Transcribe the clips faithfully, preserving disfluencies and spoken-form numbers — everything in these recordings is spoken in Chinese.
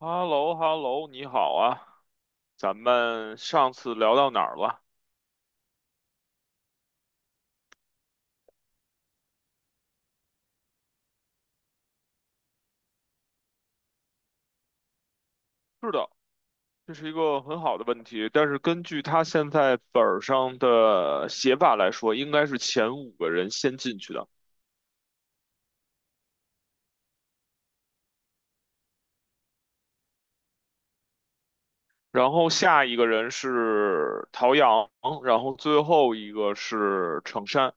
h e l l o h e l l o 你好啊，咱们上次聊到哪儿了？是的，这是一个很好的问题，但是根据他现在本儿上的写法来说，应该是前五个人先进去的，然后下一个人是陶阳，然后最后一个是程山。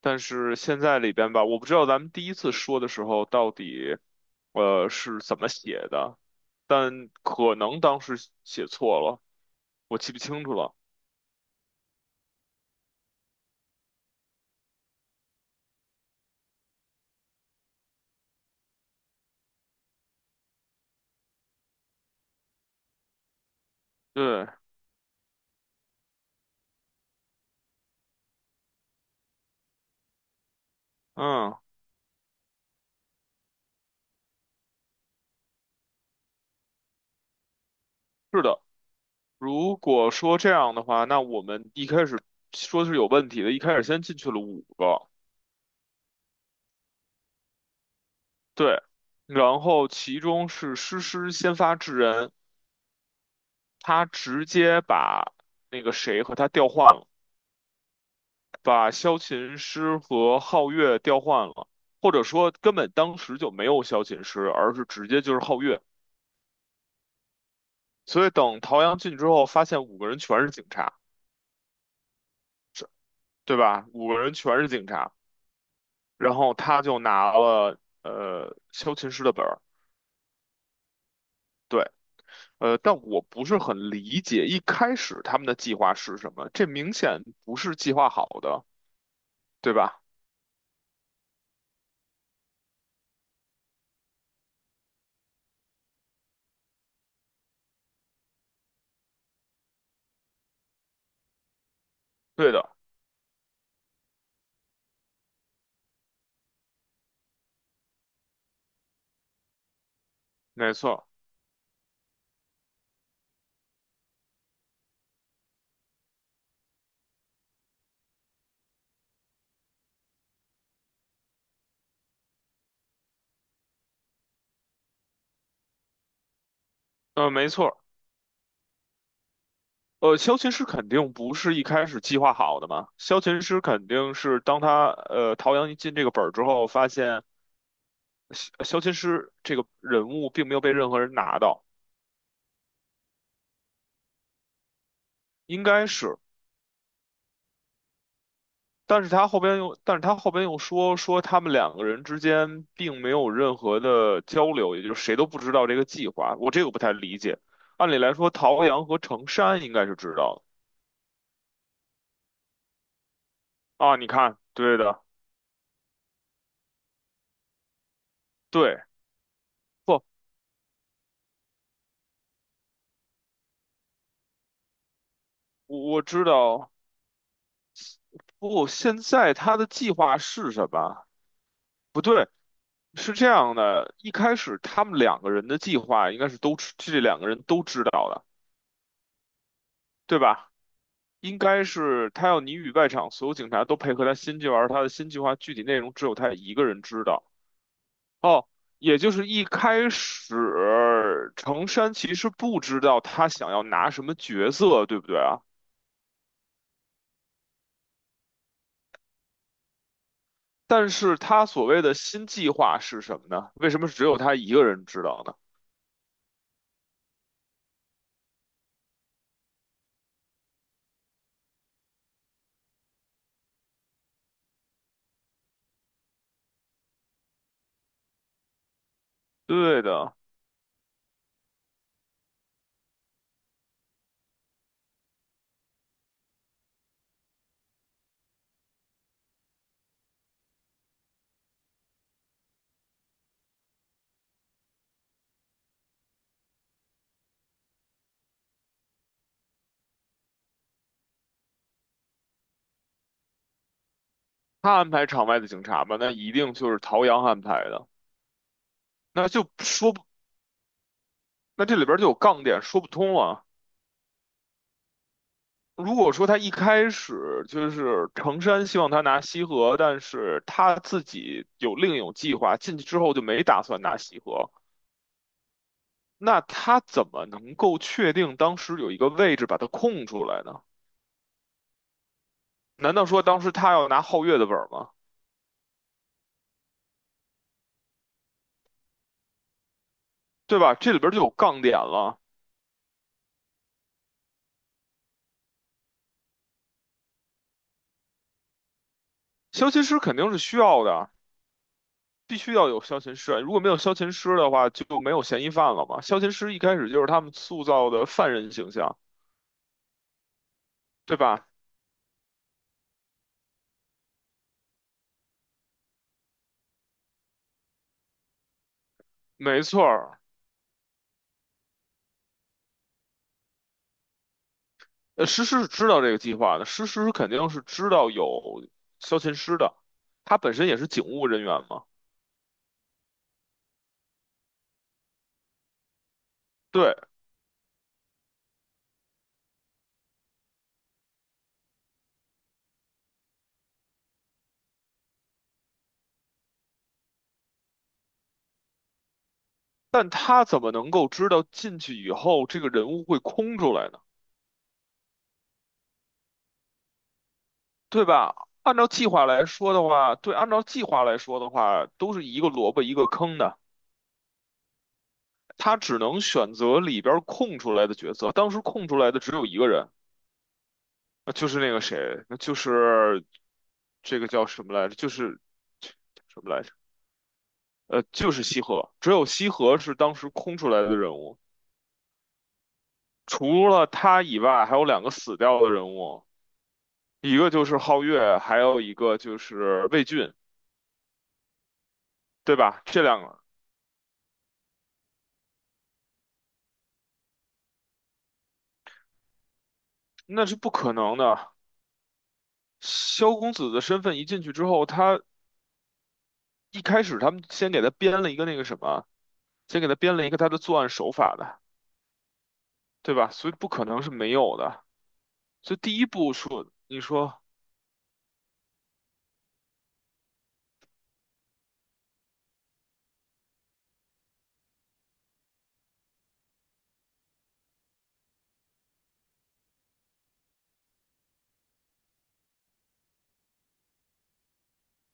但是现在里边吧，我不知道咱们第一次说的时候到底，呃，是怎么写的，但可能当时写错了，我记不清楚了。对，嗯，是的。如果说这样的话，那我们一开始说是有问题的，一开始先进去了五个，对，然后其中是诗诗先发制人，他直接把那个谁和他调换了，把萧琴师和皓月调换了，或者说根本当时就没有萧琴师，而是直接就是皓月。所以等陶阳进去之后，发现五个人全是警察，对吧？五个人全是警察。然后他就拿了呃修琴师的本儿，对，呃，但我不是很理解一开始他们的计划是什么，这明显不是计划好的，对吧？对的，没错，呃，没错，呃，修琴师肯定不是一开始计划好的嘛，修琴师肯定是当他呃陶阳一进这个本儿之后，发现修修琴师这个人物并没有被任何人拿到，应该是。但是他后边又，但是他后边又说说他们两个人之间并没有任何的交流，也就是谁都不知道这个计划。我这个不太理解。按理来说，陶阳和程山应该是知道的啊。你看，对的，对，不，我我知道。不，现在他的计划是什么？不对，是这样的，一开始他们两个人的计划应该是都知，这两个人都知道的，对吧？应该是他要你与外场所有警察都配合他新计划，而他的新计划具体内容只有他一个人知道。也就是一开始，程山其实不知道他想要拿什么角色，对不对啊？但是他所谓的新计划是什么呢？为什么只有他一个人知道呢？对的，他安排场外的警察吧，那一定就是陶阳安排的，那就说不，那这里边就有杠点，说不通了。如果说他一开始就是成山希望他拿西河，但是他自己有另有计划，进去之后就没打算拿西河，那他怎么能够确定当时有一个位置把它空出来呢？难道说当时他要拿皓月的本吗？对吧？这里边就有杠点了。消琴师肯定是需要的，必须要有消琴师啊。如果没有消琴师的话，就没有嫌疑犯了嘛。消琴师一开始就是他们塑造的犯人形象，对吧？没错儿，呃，诗诗是知道这个计划的，诗诗肯定是知道有萧琴师的，他本身也是警务人员嘛。对，但他怎么能够知道进去以后这个人物会空出来呢？对吧？按照计划来说的话，对，按照计划来说的话，都是一个萝卜一个坑的。他只能选择里边儿空出来的角色，当时空出来的只有一个人，那就是那个谁，那就是这个叫什么来着？就是。什么来着。呃，就是西河，只有西河是当时空出来的人物，除了他以外，还有两个死掉的人物，一个就是皓月，还有一个就是魏俊，对吧？这两个那是不可能的。萧公子的身份一进去之后，他一开始他们先给他编了一个那个什么，先给他编了一个他的作案手法的，对吧？所以不可能是没有的。所以第一步说，你说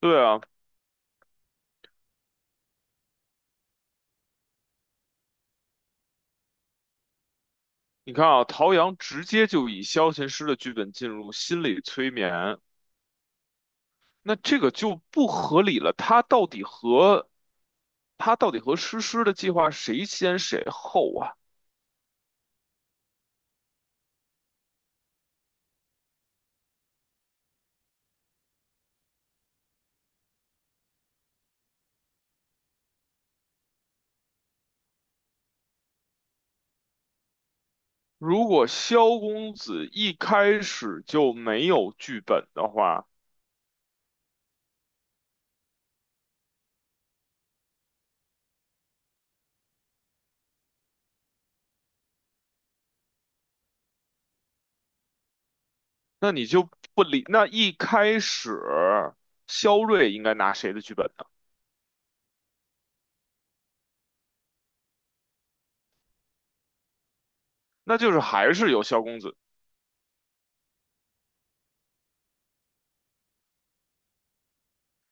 对啊，你看啊，陶阳直接就以萧琴师的剧本进入心理催眠。那这个就不合理了。他到底和他到底和诗诗的计划谁先谁后啊？如果萧公子一开始就没有剧本的话，那你就不理。那一开始萧睿应该拿谁的剧本呢？那就是还是有萧公子。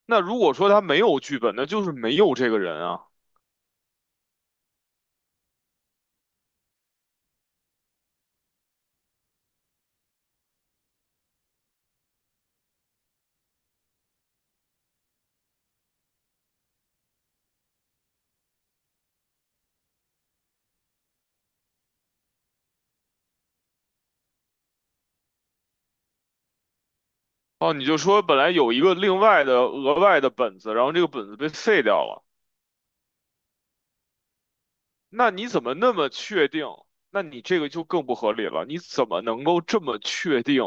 那如果说他没有剧本，那就是没有这个人啊。哦，你就说本来有一个另外的额外的本子，然后这个本子被废掉了。那你怎么那么确定？那你这个就更不合理了。你怎么能够这么确定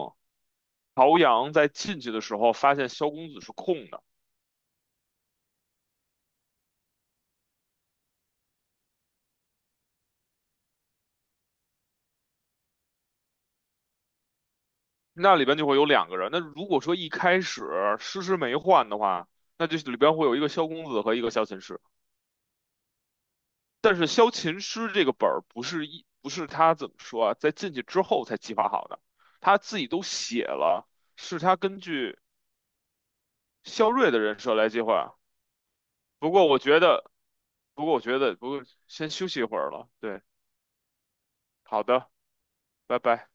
朝阳在进去的时候发现萧公子是空的？那里边就会有两个人。那如果说一开始诗诗没换的话，那就里边会有一个萧公子和一个萧琴师。但是萧琴师这个本儿不是一不是他怎么说啊，在进去之后才计划好的，他自己都写了，是他根据萧睿的人设来计划。不过我觉得。不过我觉得，不过先休息一会儿了。对，好的，拜拜。